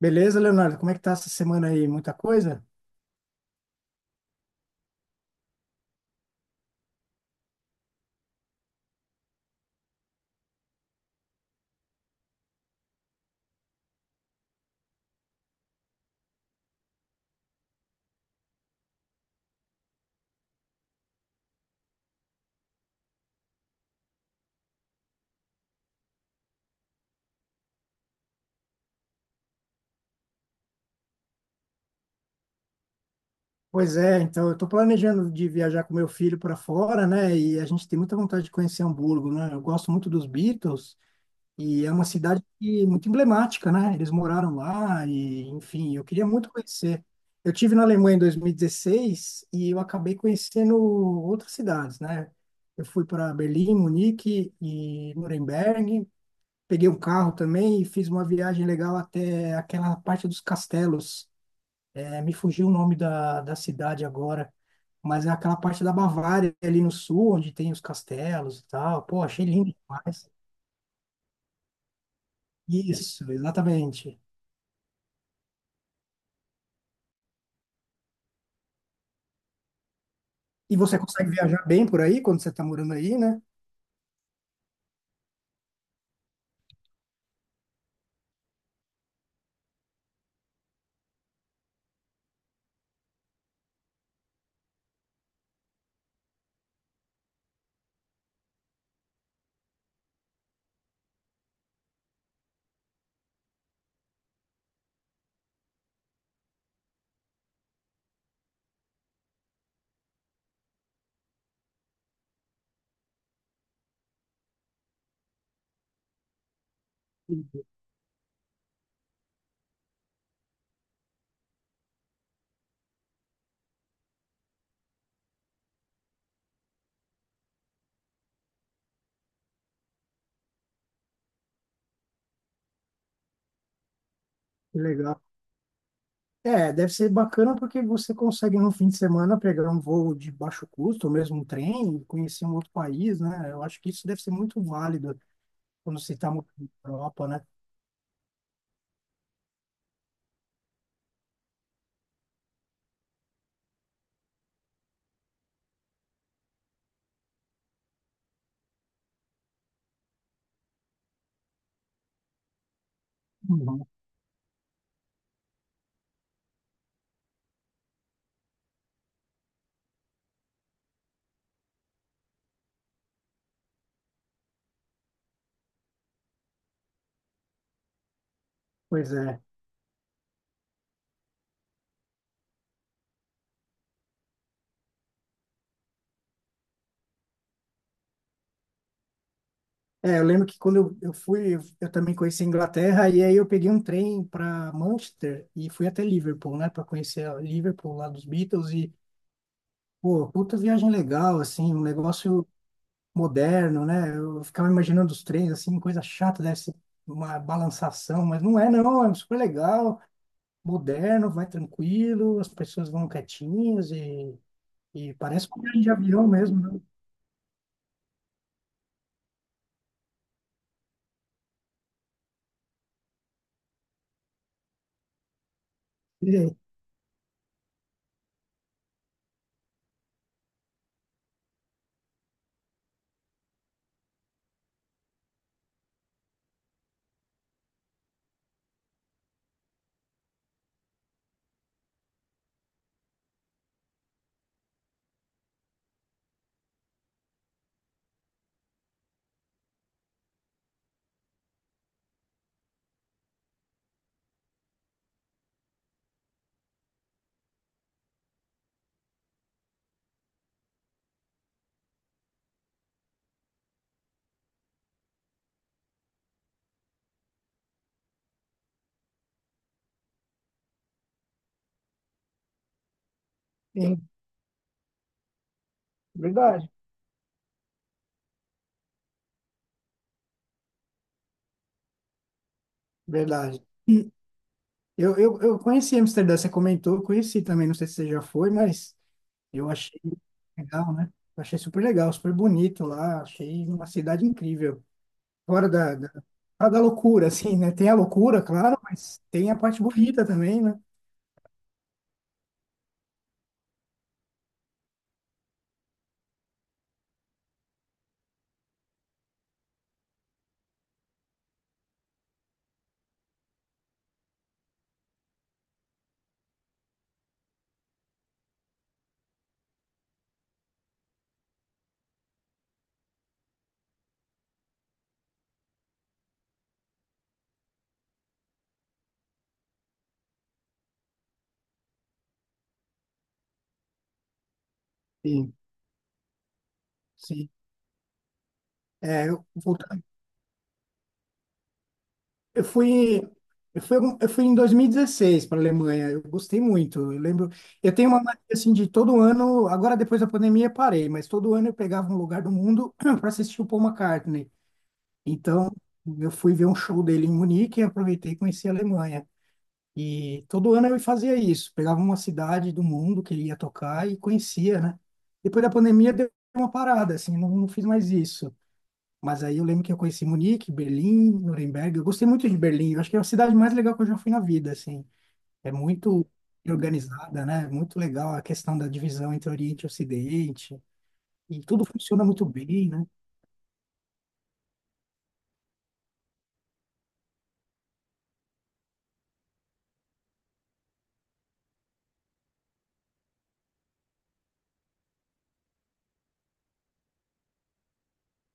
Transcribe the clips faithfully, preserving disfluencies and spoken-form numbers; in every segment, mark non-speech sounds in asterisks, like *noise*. Beleza, Leonardo? Como é que tá essa semana aí? Muita coisa? Pois é, então eu tô planejando de viajar com meu filho para fora, né? E a gente tem muita vontade de conhecer Hamburgo, né? Eu gosto muito dos Beatles e é uma cidade que- muito emblemática, né? Eles moraram lá e, enfim, eu queria muito conhecer. Eu tive na Alemanha em dois mil e dezesseis e dezesseis e eu acabei conhecendo outras cidades, né? Eu fui para Berlim, Munique e Nuremberg. Peguei um carro também e fiz uma viagem legal até aquela parte dos castelos. É, me fugiu o nome da, da cidade agora, mas é aquela parte da Bavária ali no sul, onde tem os castelos e tal. Pô, achei lindo demais. Isso, exatamente. E você consegue viajar bem por aí quando você está morando aí, né? Que legal. É, deve ser bacana porque você consegue num fim de semana pegar um voo de baixo custo, ou mesmo um trem, e conhecer um outro país, né? Eu acho que isso deve ser muito válido quando você está morando na Europa, né? Uhum. Pois é. É, eu lembro que quando eu, eu fui, eu, eu também conheci a Inglaterra, e aí eu peguei um trem para Manchester e fui até Liverpool, né, para conhecer a Liverpool lá dos Beatles. E, pô, puta viagem legal, assim, um negócio moderno, né? Eu ficava imaginando os trens, assim, coisa chata, deve ser uma balançação, mas não é, não, é um super legal, moderno, vai tranquilo, as pessoas vão quietinhas e, e parece uma viagem de avião mesmo, né? E- e- Verdade, verdade. Eu, eu, eu conheci Amsterdã, você comentou, eu conheci também, não sei se você já foi, mas eu achei legal, né? Eu achei super legal, super bonito lá, achei uma cidade incrível. Fora da, da, fora da loucura, assim, né? Tem a loucura, claro, mas tem a parte bonita também, né? Sim, sim. É, eu, voltando, eu fui, eu fui, algum- eu fui em dois mil e dezesseis para a Alemanha, eu gostei muito, eu lembro, eu tenho uma mania, assim, de todo ano, agora depois da pandemia parei, mas todo ano eu pegava um lugar do mundo *clears throat* para assistir o Paul McCartney. Então, eu fui ver um show dele em Munique e aproveitei e conheci a Alemanha. E todo ano eu fazia isso, pegava uma cidade do mundo que ele ia tocar e conhecia, né? Depois da pandemia deu uma parada, assim, não, não fiz mais isso. Mas aí eu lembro que eu conheci Munique, Berlim, Nuremberg. Eu gostei muito de Berlim, eu acho que é a cidade mais legal que eu já fui na vida, assim. É muito organizada, né? Muito legal a questão da divisão entre Oriente e Ocidente. E tudo funciona muito bem, né?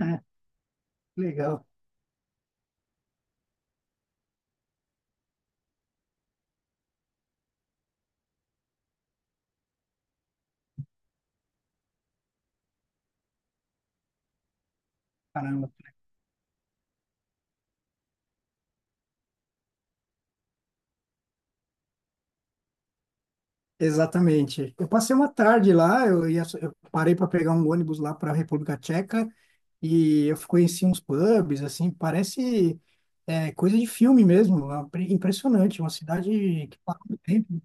É, legal, caramba. Exatamente. Eu passei uma tarde lá, eu ia, eu parei para pegar um ônibus lá para a República Tcheca e eu conheci uns pubs, assim, parece é, coisa de filme mesmo, lá, pre- impressionante, uma cidade que passa o tempo.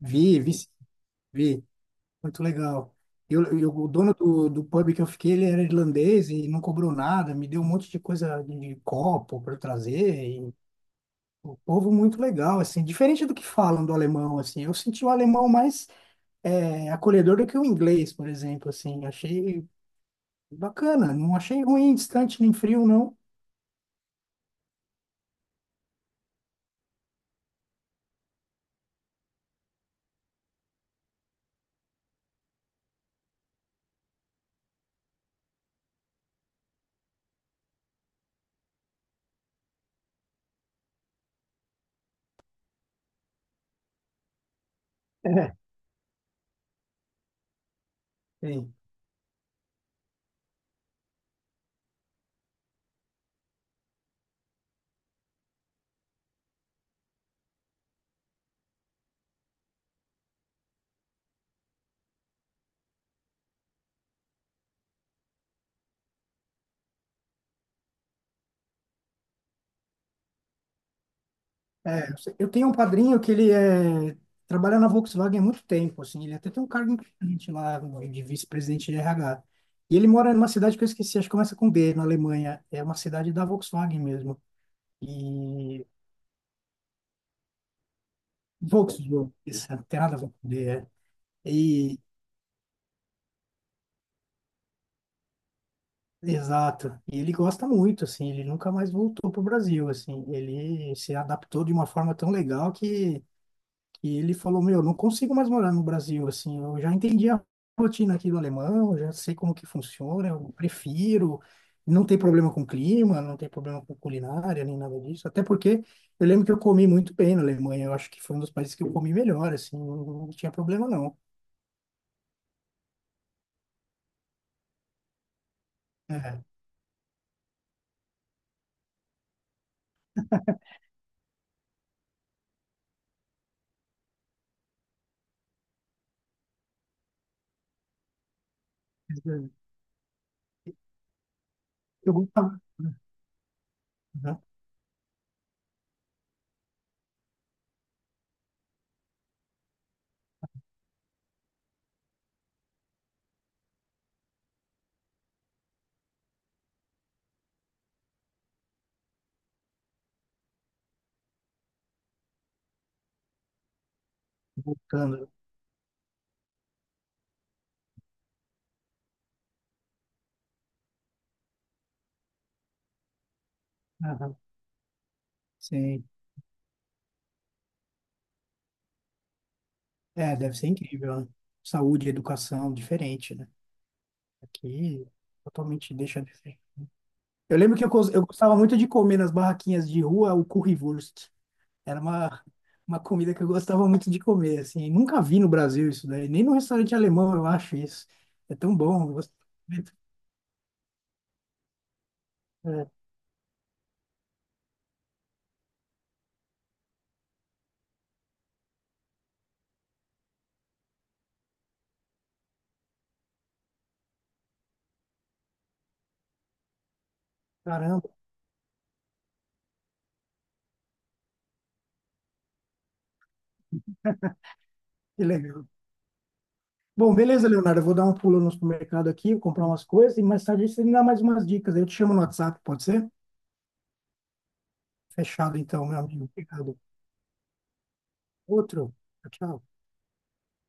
Vi, vi, sim, vi, muito legal. Eu, eu- o dono do, do pub que eu fiquei, ele era irlandês e não cobrou nada, me deu um monte de coisa de, de copo para eu trazer, e o povo muito legal, assim, diferente do que falam do alemão, assim, eu senti o alemão mais é, acolhedor do que o inglês, por exemplo, assim. Achei bacana, não achei ruim, distante nem frio, não. É, tem. É, eu tenho um padrinho que ele é, trabalha na Volkswagen há muito tempo, assim, ele até tem um cargo importante lá de vice-presidente de R H. E ele mora numa cidade que eu esqueci, acho que começa com B, na Alemanha. É uma cidade da Volkswagen mesmo. E Volkswagen, isso, não tem nada a ver com D, é. E Exato. E ele gosta muito, assim, ele nunca mais voltou pro Brasil, assim. Ele se adaptou de uma forma tão legal que, que ele falou, meu, não consigo mais morar no Brasil, assim. Eu já entendi a rotina aqui do alemão, já sei como que funciona, eu prefiro. Não tem problema com clima, não tem problema com culinária, nem nada disso. Até porque eu lembro que eu comi muito bem na Alemanha. Eu acho que foi um dos países que eu comi melhor, assim. Não, não tinha problema, não. É. Eu gostava. Uhum. Voltando. Aham. Sim. É, deve ser incrível, né? Saúde, educação, diferente, né? Aqui, totalmente deixa de ser. Eu lembro que eu, gos- eu gostava muito de comer nas barraquinhas de rua o currywurst. Era uma, uma comida que eu gostava muito de comer, assim. Nunca vi no Brasil isso daí, nem no restaurante alemão eu acho isso. É tão bom. Eu gosto muito. É, caramba, que legal. Bom, beleza, Leonardo. Eu vou dar um pulo no supermercado aqui, vou comprar umas coisas e mais tarde você me dá mais umas dicas. Eu te chamo no WhatsApp, pode ser? Fechado então, meu amigo. Obrigado. Outro. Tchau. Tchau.